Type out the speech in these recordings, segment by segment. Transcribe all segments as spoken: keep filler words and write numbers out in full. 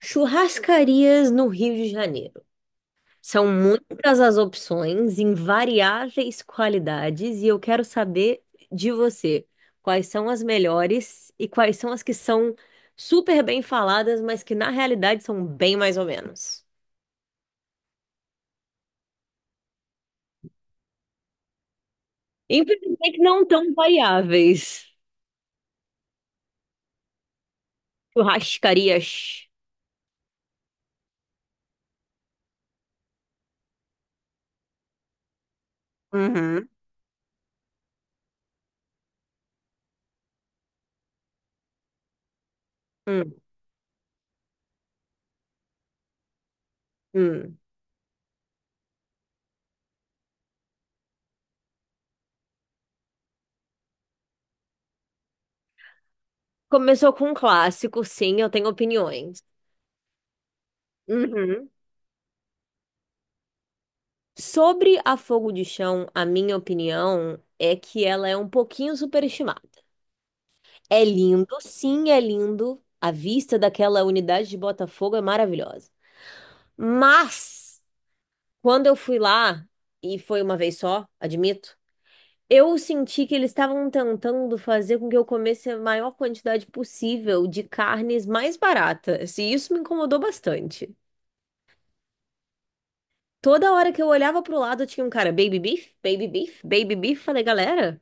Churrascarias no Rio de Janeiro. São muitas as opções em variáveis qualidades e eu quero saber de você quais são as melhores e quais são as que são super bem faladas, mas que na realidade são bem mais ou menos. Infelizmente não tão variáveis. Churrascarias. Uhum. Hum, hum. Começou com um clássico, sim, eu tenho opiniões. Uhum. Sobre a Fogo de Chão, a minha opinião é que ela é um pouquinho superestimada. É lindo, sim, é lindo. A vista daquela unidade de Botafogo é maravilhosa. Mas, quando eu fui lá, e foi uma vez só, admito, eu senti que eles estavam tentando fazer com que eu comesse a maior quantidade possível de carnes mais baratas. E isso me incomodou bastante. Toda hora que eu olhava pro lado, tinha um cara, baby beef, baby beef, baby beef. Falei, galera.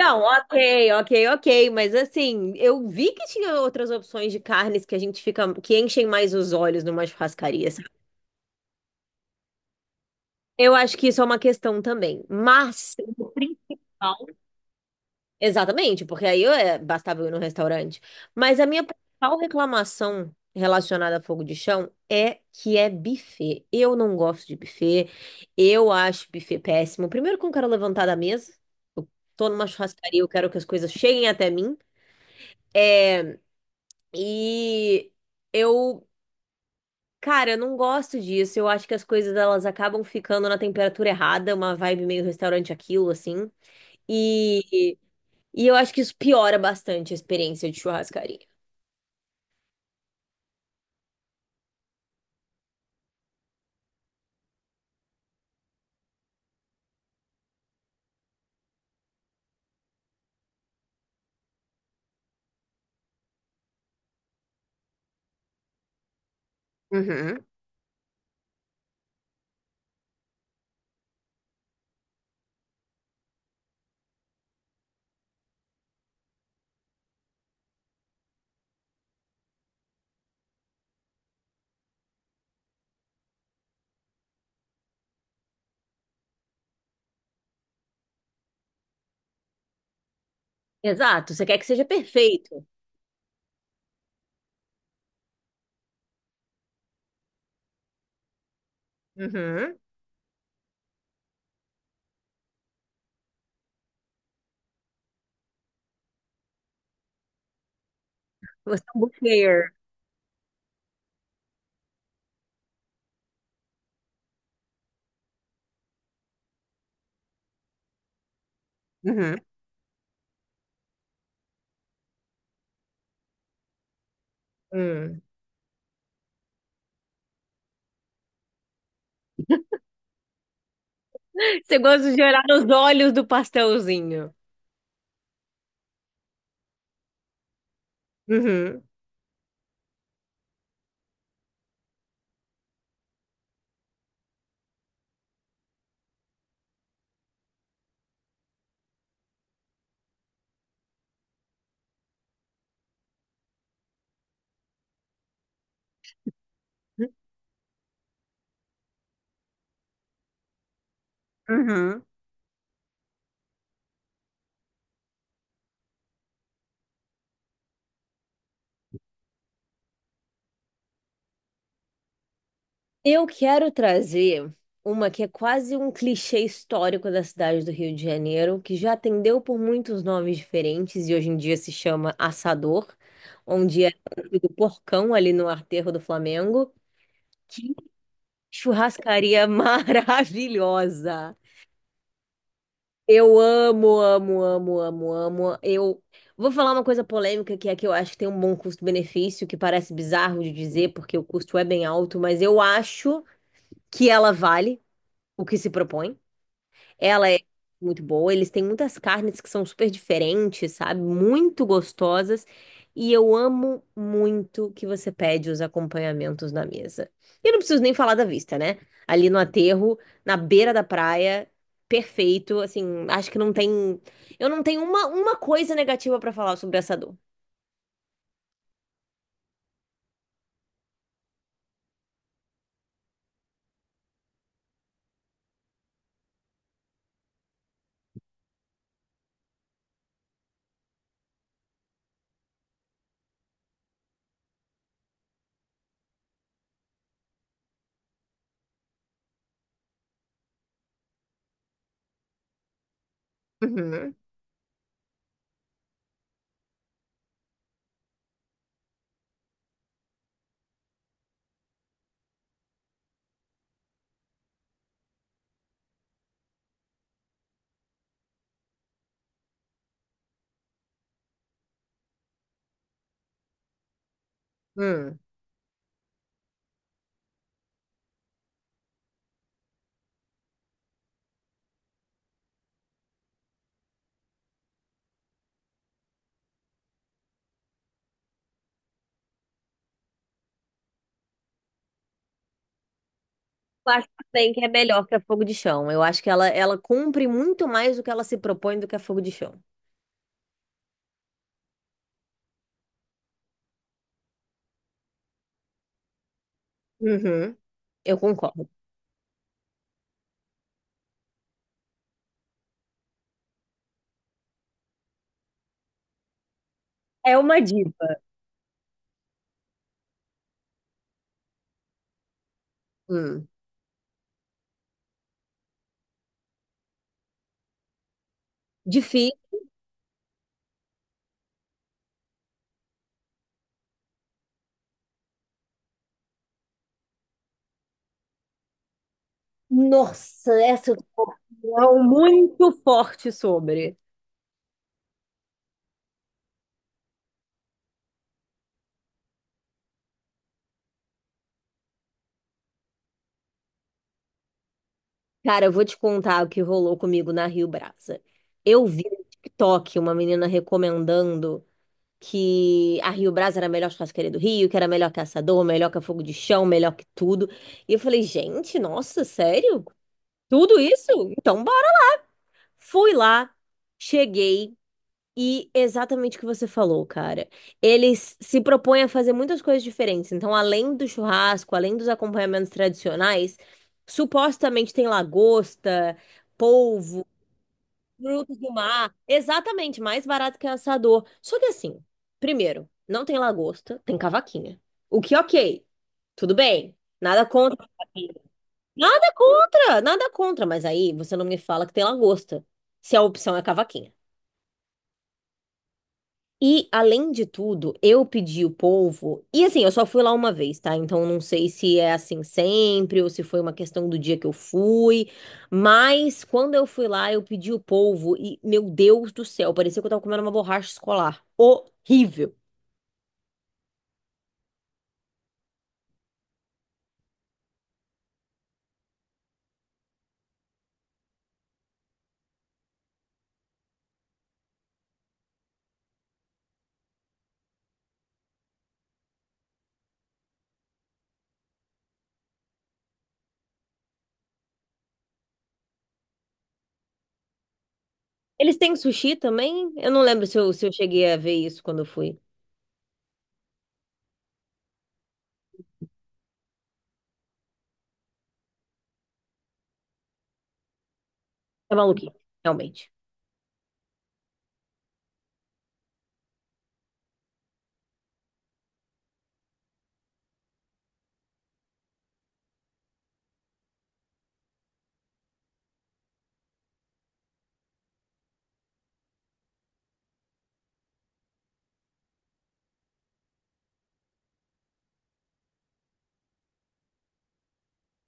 Não, ok, ok, ok, mas assim, eu vi que tinha outras opções de carnes que a gente fica, que enchem mais os olhos numa churrascaria, sabe? Eu acho que isso é uma questão também, mas... Exatamente, porque aí eu, é, bastava eu ir no restaurante. Mas a minha principal reclamação relacionada a fogo de chão é que é buffet. Eu não gosto de buffet, eu acho buffet péssimo. Primeiro que eu não quero levantar da mesa, eu tô numa churrascaria, eu quero que as coisas cheguem até mim, e... Eu Cara, eu não gosto disso. Eu acho que as coisas elas acabam ficando na temperatura errada, uma vibe meio restaurante aquilo, assim. E, e eu acho que isso piora bastante a experiência de churrascaria. Uhum. Exato, você quer que seja perfeito. Uhum. Você é um buffet. Uhum. Uhum. Você gosta de olhar nos olhos do pastelzinho. Uhum. Uhum. Eu quero trazer uma que é quase um clichê histórico da cidade do Rio de Janeiro, que já atendeu por muitos nomes diferentes e hoje em dia se chama Assador, onde era do Porcão ali no aterro do Flamengo. Que churrascaria maravilhosa! Eu amo, amo, amo, amo, amo. Eu vou falar uma coisa polêmica que é que eu acho que tem um bom custo-benefício, que parece bizarro de dizer, porque o custo é bem alto, mas eu acho que ela vale o que se propõe. Ela é muito boa, eles têm muitas carnes que são super diferentes, sabe? Muito gostosas. E eu amo muito que você pede os acompanhamentos na mesa. E eu não preciso nem falar da vista, né? Ali no aterro, na beira da praia, perfeito. Assim, acho que não tem. Eu não tenho uma, uma coisa negativa pra falar sobre essa dor. Uhum. Hum. Eu acho também que é melhor que a fogo de chão. Eu acho que ela, ela cumpre muito mais do que ela se propõe do que a fogo de chão. Uhum. Eu concordo. É uma diva. Hum. Difícil. Nossa, essa eu não muito forte sobre. Cara, eu vou te contar o que rolou comigo na Rio Brasa. Eu vi no TikTok uma menina recomendando que a Rio Brasa era a melhor churrasqueira do Rio, que era melhor que Assador, melhor que a Fogo de Chão, melhor que tudo. E eu falei, gente, nossa, sério? Tudo isso? Então bora. Fui lá, cheguei, e exatamente o que você falou, cara. Eles se propõem a fazer muitas coisas diferentes. Então, além do churrasco, além dos acompanhamentos tradicionais, supostamente tem lagosta, polvo, frutos do mar. Exatamente, mais barato que assador. Só que assim, primeiro, não tem lagosta, tem cavaquinha. O que, ok, tudo bem. Nada contra. Nada contra, nada contra. Mas aí você não me fala que tem lagosta, se a opção é cavaquinha. E, além de tudo, eu pedi o polvo. E assim, eu só fui lá uma vez, tá? Então, não sei se é assim sempre ou se foi uma questão do dia que eu fui. Mas, quando eu fui lá, eu pedi o polvo. E, meu Deus do céu, parecia que eu tava comendo uma borracha escolar. Horrível. Eles têm sushi também? Eu não lembro se eu, se eu cheguei a ver isso quando eu fui. É maluquinho, realmente.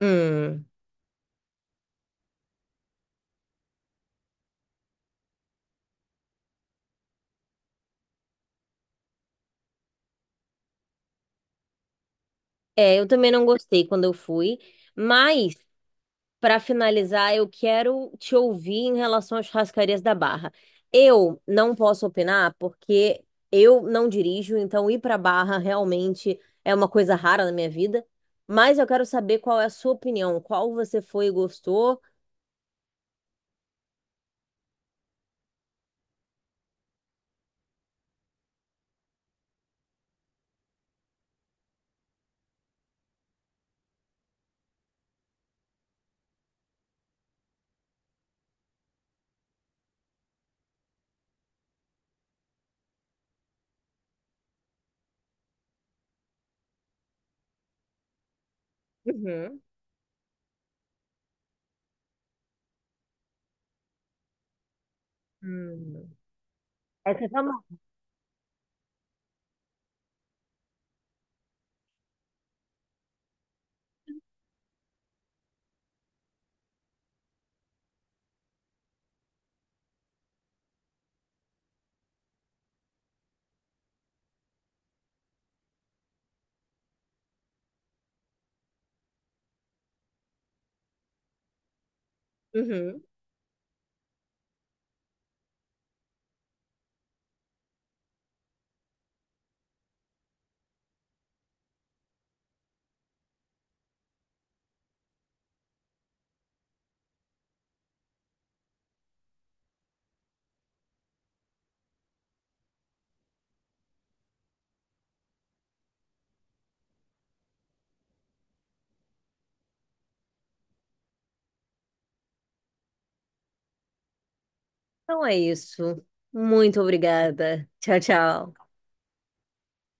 Hum. É, eu também não gostei quando eu fui. Mas para finalizar, eu quero te ouvir em relação às churrascarias da Barra. Eu não posso opinar porque eu não dirijo, então ir para Barra realmente é uma coisa rara na minha vida. Mas eu quero saber qual é a sua opinião, qual você foi e gostou. Uhum. Hum. Essa é uma- Uhum. Então é isso. Muito obrigada. Tchau, tchau.